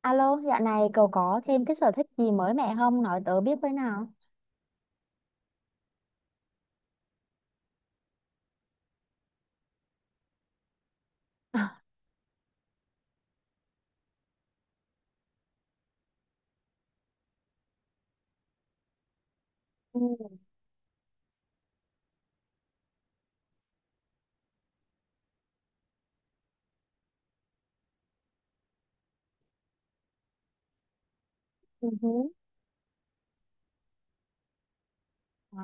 Alo, dạo này cậu có thêm cái sở thích gì mới mẻ không? Nói tớ biết với nào. Ừ. Ừ. À,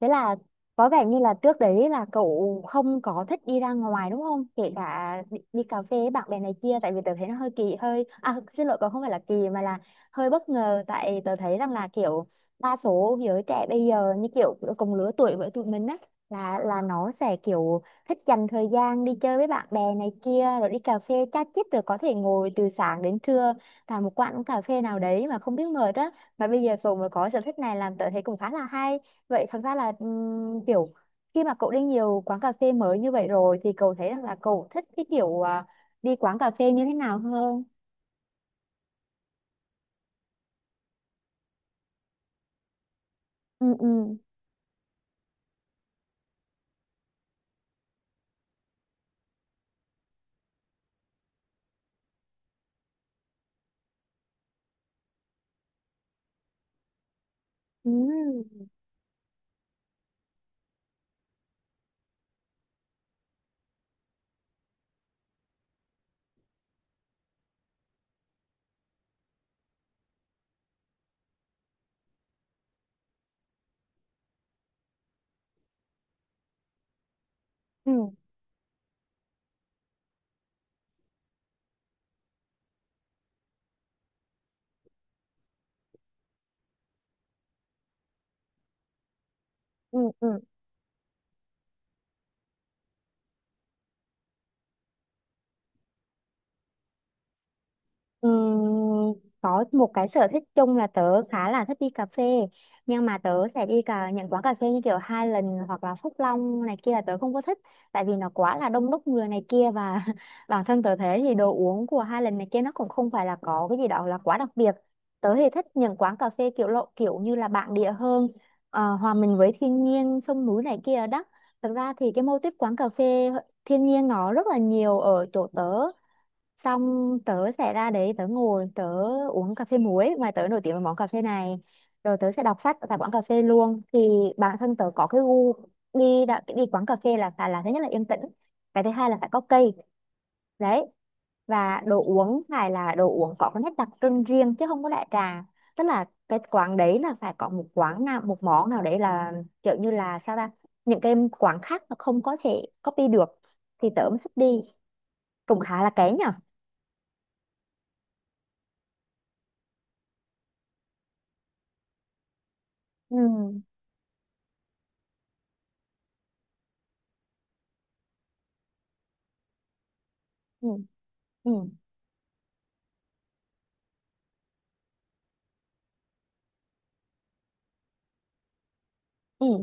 thế là có vẻ như là trước đấy là cậu không có thích đi ra ngoài đúng không? Kể cả đi cà phê với bạn bè này kia, tại vì tớ thấy nó hơi kỳ hơi à xin lỗi cậu không phải là kỳ mà là hơi bất ngờ, tại tớ thấy rằng là kiểu đa số giới trẻ bây giờ như kiểu cùng lứa tuổi với tụi mình á, là nó sẽ kiểu thích dành thời gian đi chơi với bạn bè này kia rồi đi cà phê chat chít, rồi có thể ngồi từ sáng đến trưa tại một quán cà phê nào đấy mà không biết mệt á. Và bây giờ Tùng mới có sở thích này làm tớ thấy cũng khá là hay. Vậy thật ra là, kiểu khi mà cậu đi nhiều quán cà phê mới như vậy rồi thì cậu thấy rằng là cậu thích cái kiểu, à, đi quán cà phê như thế nào hơn? Ừ. Ừ. Ừ. Ừ. Ừ. Ừ. Ừm, có một cái sở thích chung là tớ khá là thích đi cà phê, nhưng mà tớ sẽ đi cả những quán cà phê như kiểu Highland hoặc là Phúc Long này kia là tớ không có thích, tại vì nó quá là đông đúc người này kia và bản thân tớ thấy thì đồ uống của Highland này kia nó cũng không phải là có cái gì đó là quá đặc biệt. Tớ thì thích những quán cà phê kiểu lộ kiểu như là bản địa hơn, hòa mình với thiên nhiên sông núi này kia đó. Thực ra thì cái mô típ quán cà phê thiên nhiên nó rất là nhiều ở chỗ tớ, xong tớ sẽ ra đấy tớ ngồi tớ uống cà phê muối mà tớ nổi tiếng với món cà phê này, rồi tớ sẽ đọc sách tại quán cà phê luôn. Thì bản thân tớ có cái gu đi quán cà phê là phải là thứ nhất là yên tĩnh, cái thứ hai là phải có cây đấy, và đồ uống phải là đồ uống có cái nét đặc trưng riêng chứ không có đại trà. Tức là cái quán đấy là phải có một quán nào một món nào đấy là kiểu như là sao ta, những cái quán khác nó không có thể copy được thì tớ mới thích đi, cũng khá là kén nhở. Ừ. Ừ. Ừ. Ừ.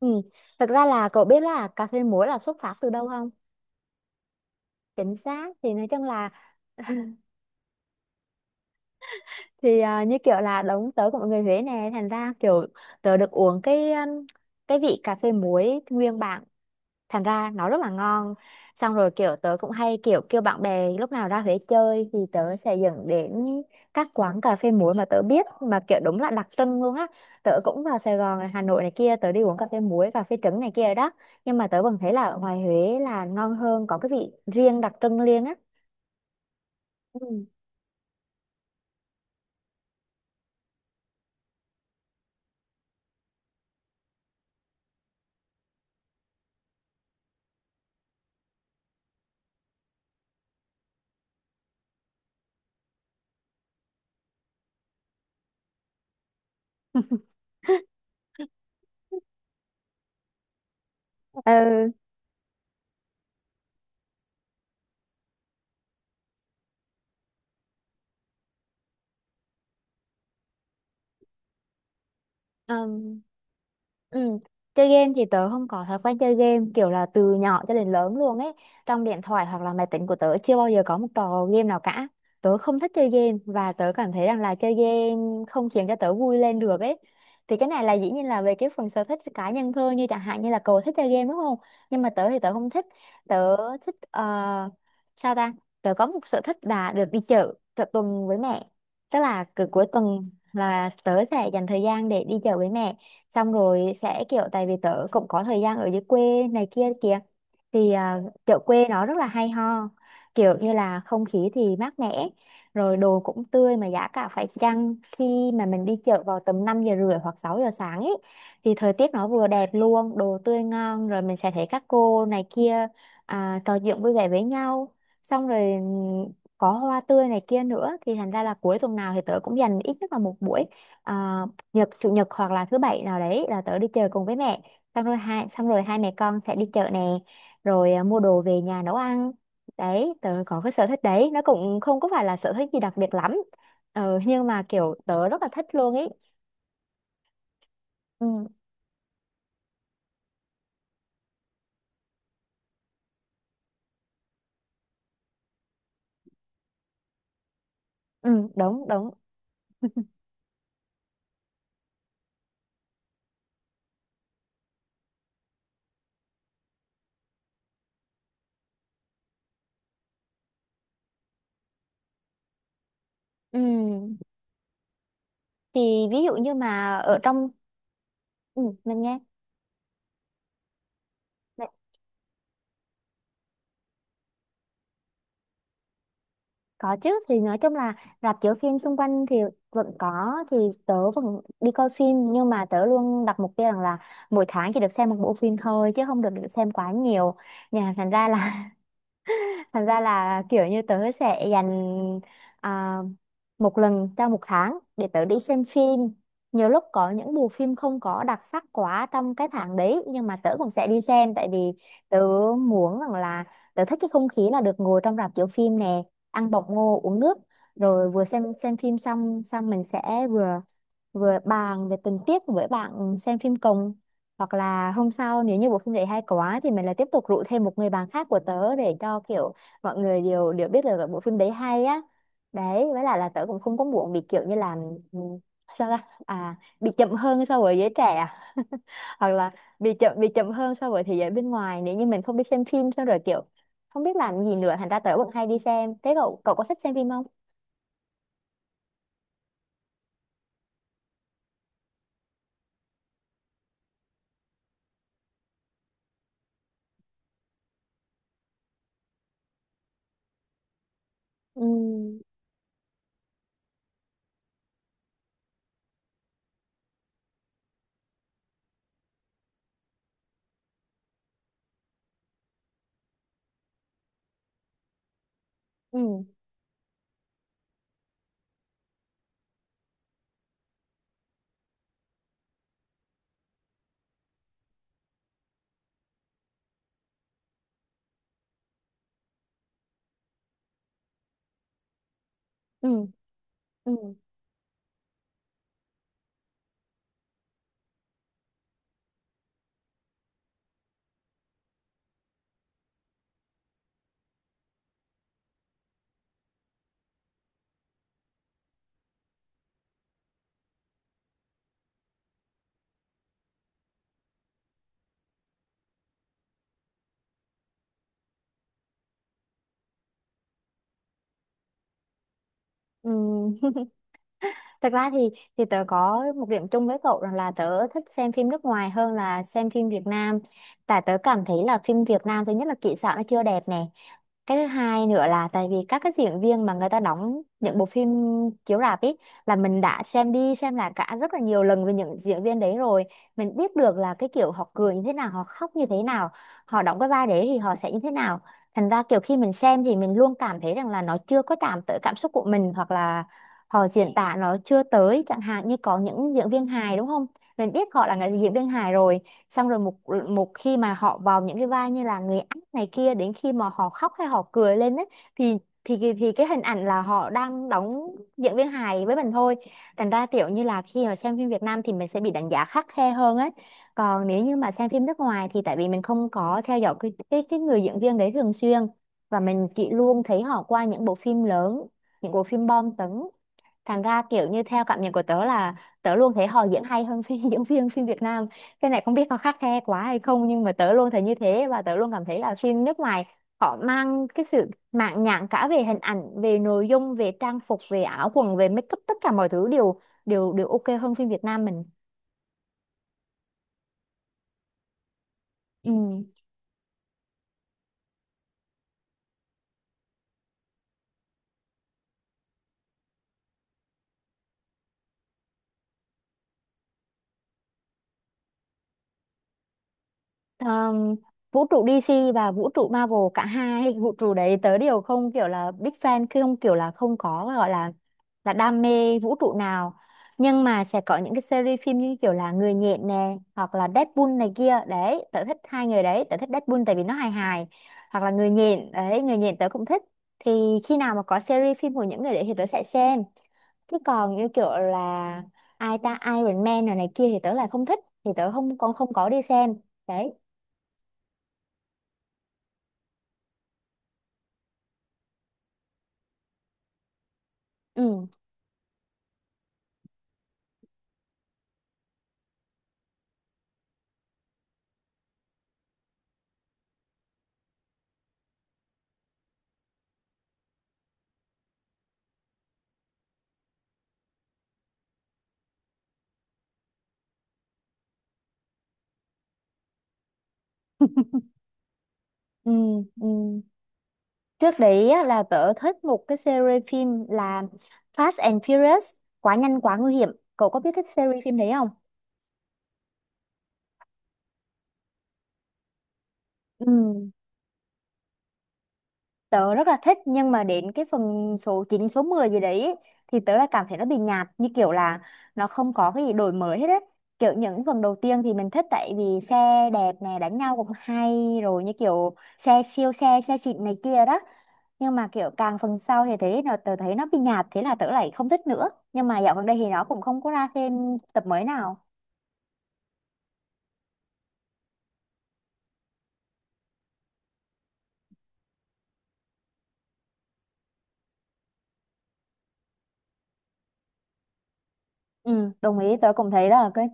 Ừ. Thực ra là cậu biết là cà phê muối là xuất phát từ đâu không? Chính xác, thì nói chung là thì à, như kiểu là đống tớ của mọi người Huế nè, thành ra kiểu tớ được uống cái vị cà phê muối nguyên bản, thành ra nó rất là ngon. Xong rồi kiểu tớ cũng hay kiểu kêu bạn bè lúc nào ra Huế chơi thì tớ sẽ dẫn đến các quán cà phê muối mà tớ biết mà kiểu đúng là đặc trưng luôn á. Tớ cũng vào Sài Gòn này, Hà Nội này kia, tớ đi uống cà phê muối cà phê trứng này kia đó, nhưng mà tớ vẫn thấy là ở ngoài Huế là ngon hơn, có cái vị riêng đặc trưng riêng á. Ừ. Ừ, Ừm, ừm, chơi game thì tớ không có thói quen chơi game kiểu là từ nhỏ cho đến lớn luôn ấy. Trong điện thoại hoặc là máy tính của tớ chưa bao giờ có một trò game nào cả. Tớ không thích chơi game và tớ cảm thấy rằng là chơi game không khiến cho tớ vui lên được ấy. Thì cái này là dĩ nhiên là về cái phần sở thích cá nhân thôi, như chẳng hạn như là cậu thích chơi game đúng không? Nhưng mà tớ thì tớ không thích. Tớ thích sao ta? Tớ có một sở thích là được đi chợ, chợ tuần với mẹ. Tức là cứ cuối tuần là tớ sẽ dành thời gian để đi chợ với mẹ, xong rồi sẽ kiểu tại vì tớ cũng có thời gian ở dưới quê này kia kìa, thì à, chợ quê nó rất là hay ho, kiểu như là không khí thì mát mẻ, rồi đồ cũng tươi mà giá cả phải chăng. Khi mà mình đi chợ vào tầm 5 giờ rưỡi hoặc 6 giờ sáng ấy thì thời tiết nó vừa đẹp luôn, đồ tươi ngon, rồi mình sẽ thấy các cô này kia à, trò chuyện vui vẻ với nhau, xong rồi có hoa tươi này kia nữa. Thì thành ra là cuối tuần nào thì tớ cũng dành ít nhất là một buổi, à, chủ nhật hoặc là thứ bảy nào đấy là tớ đi chợ cùng với mẹ, xong rồi hai mẹ con sẽ đi chợ nè, rồi à, mua đồ về nhà nấu ăn. Đấy, tớ có cái sở thích đấy nó cũng không có phải là sở thích gì đặc biệt lắm, nhưng mà kiểu tớ rất là thích luôn ý. Ừ, ừ, đúng đúng. Ừ. Thì ví dụ như mà ở trong, ừ, mình nghe. Có chứ, thì nói chung là rạp chiếu phim xung quanh thì vẫn có, thì tớ vẫn đi coi phim, nhưng mà tớ luôn đặt mục tiêu rằng là mỗi tháng chỉ được xem một bộ phim thôi chứ không được xem quá nhiều, nhà thành ra là kiểu như tớ sẽ dành à, một lần trong một tháng để tớ đi xem phim. Nhiều lúc có những bộ phim không có đặc sắc quá trong cái tháng đấy nhưng mà tớ cũng sẽ đi xem, tại vì tớ muốn rằng là tớ thích cái không khí là được ngồi trong rạp chiếu phim nè, ăn bọc ngô uống nước, rồi vừa xem phim xong xong mình sẽ vừa vừa bàn về tình tiết với bạn xem phim cùng, hoặc là hôm sau nếu như bộ phim đấy hay quá thì mình lại tiếp tục rủ thêm một người bạn khác của tớ để cho kiểu mọi người đều đều biết là bộ phim đấy hay á. Đấy, với lại là tớ cũng không có muộn bị kiểu như là, ừ, sao ta à bị chậm hơn so với giới trẻ à? Hoặc là bị chậm hơn so với thế giới bên ngoài, nếu như mình không đi xem phim xong rồi kiểu không biết làm gì nữa, thành ra tớ vẫn hay đi xem. Thế cậu cậu có thích xem phim không? Ừ. Ừ. Ừ. Ừ. Ừ. Thật ra thì tớ có một điểm chung với cậu rằng là tớ thích xem phim nước ngoài hơn là xem phim Việt Nam. Tại tớ cảm thấy là phim Việt Nam thứ nhất là kỹ xảo nó chưa đẹp nè. Cái thứ hai nữa là tại vì các cái diễn viên mà người ta đóng những bộ phim chiếu rạp ấy là mình đã xem đi xem lại cả rất là nhiều lần về những diễn viên đấy rồi. Mình biết được là cái kiểu họ cười như thế nào, họ khóc như thế nào, họ đóng cái vai đấy thì họ sẽ như thế nào. Thành ra kiểu khi mình xem thì mình luôn cảm thấy rằng là nó chưa có chạm tới cảm xúc của mình, hoặc là họ diễn tả nó chưa tới. Chẳng hạn như có những diễn viên hài đúng không, mình biết họ là người diễn viên hài rồi, xong rồi một một khi mà họ vào những cái vai như là người ác này kia, đến khi mà họ khóc hay họ cười lên ấy, thì thì cái hình ảnh là họ đang đóng diễn viên hài với mình thôi. Thành ra kiểu như là khi mà xem phim Việt Nam thì mình sẽ bị đánh giá khắt khe hơn ấy, còn nếu như mà xem phim nước ngoài thì tại vì mình không có theo dõi cái người diễn viên đấy thường xuyên và mình chỉ luôn thấy họ qua những bộ phim lớn, những bộ phim bom tấn, thành ra kiểu như theo cảm nhận của tớ là tớ luôn thấy họ diễn hay hơn phim diễn viên phim Việt Nam. Cái này không biết có khắt khe quá hay không, nhưng mà tớ luôn thấy như thế, và tớ luôn cảm thấy là phim nước ngoài họ mang cái sự mãn nhãn cả về hình ảnh, về nội dung, về trang phục, về áo quần, về make up, tất cả mọi thứ đều đều đều ok hơn phim Việt Nam mình. Ừ. Ờm, vũ trụ DC và vũ trụ Marvel, cả hai vũ trụ đấy tớ đều không kiểu là big fan, không kiểu là không có gọi là đam mê vũ trụ nào, nhưng mà sẽ có những cái series phim như kiểu là Người nhện nè hoặc là Deadpool này kia. Đấy, tớ thích hai người đấy, tớ thích Deadpool tại vì nó hài hài, hoặc là Người nhện đấy, Người nhện tớ cũng thích. Thì khi nào mà có series phim của những người đấy thì tớ sẽ xem, chứ còn như kiểu là ai ta Iron Man rồi này kia thì tớ lại không thích, thì tớ không còn không có đi xem đấy. Ừ. Ừ. Ừ. Trước đấy á, là tớ thích một cái series phim là Fast and Furious, quá nhanh quá nguy hiểm. Cậu có biết cái series phim đấy không? Ừ, tớ rất là thích nhưng mà đến cái phần số 9 số 10 gì đấy thì tớ lại cảm thấy nó bị nhạt, như kiểu là nó không có cái gì đổi mới hết á. Kiểu những phần đầu tiên thì mình thích tại vì xe đẹp này, đánh nhau cũng hay rồi, như kiểu xe siêu xe, xe xịn này kia đó. Nhưng mà kiểu càng phần sau thì thấy nó tớ thấy nó bị nhạt, thế là tớ lại không thích nữa. Nhưng mà dạo gần đây thì nó cũng không có ra thêm tập mới nào. Ừ, đồng ý, tớ cũng thấy là cái,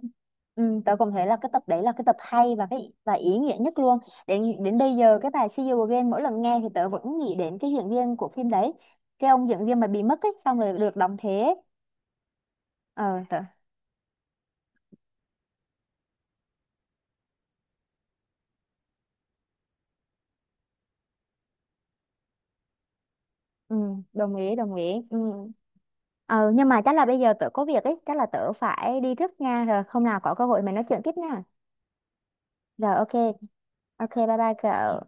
ừ, tớ cũng thấy là cái tập đấy là cái tập hay và ý nghĩa nhất luôn. Đến đến bây giờ cái bài See You Again mỗi lần nghe thì tớ vẫn nghĩ đến cái diễn viên của phim đấy, cái ông diễn viên mà bị mất ấy xong rồi được đóng thế ấy. Ờ Tớ, ừ, đồng ý, đồng ý. Ừ. ờ nhưng mà chắc là bây giờ tớ có việc ấy, chắc là tớ phải đi trước nha, rồi hôm nào có cơ hội mình nói chuyện tiếp nha. Rồi, ok. Ok, bye bye cậu.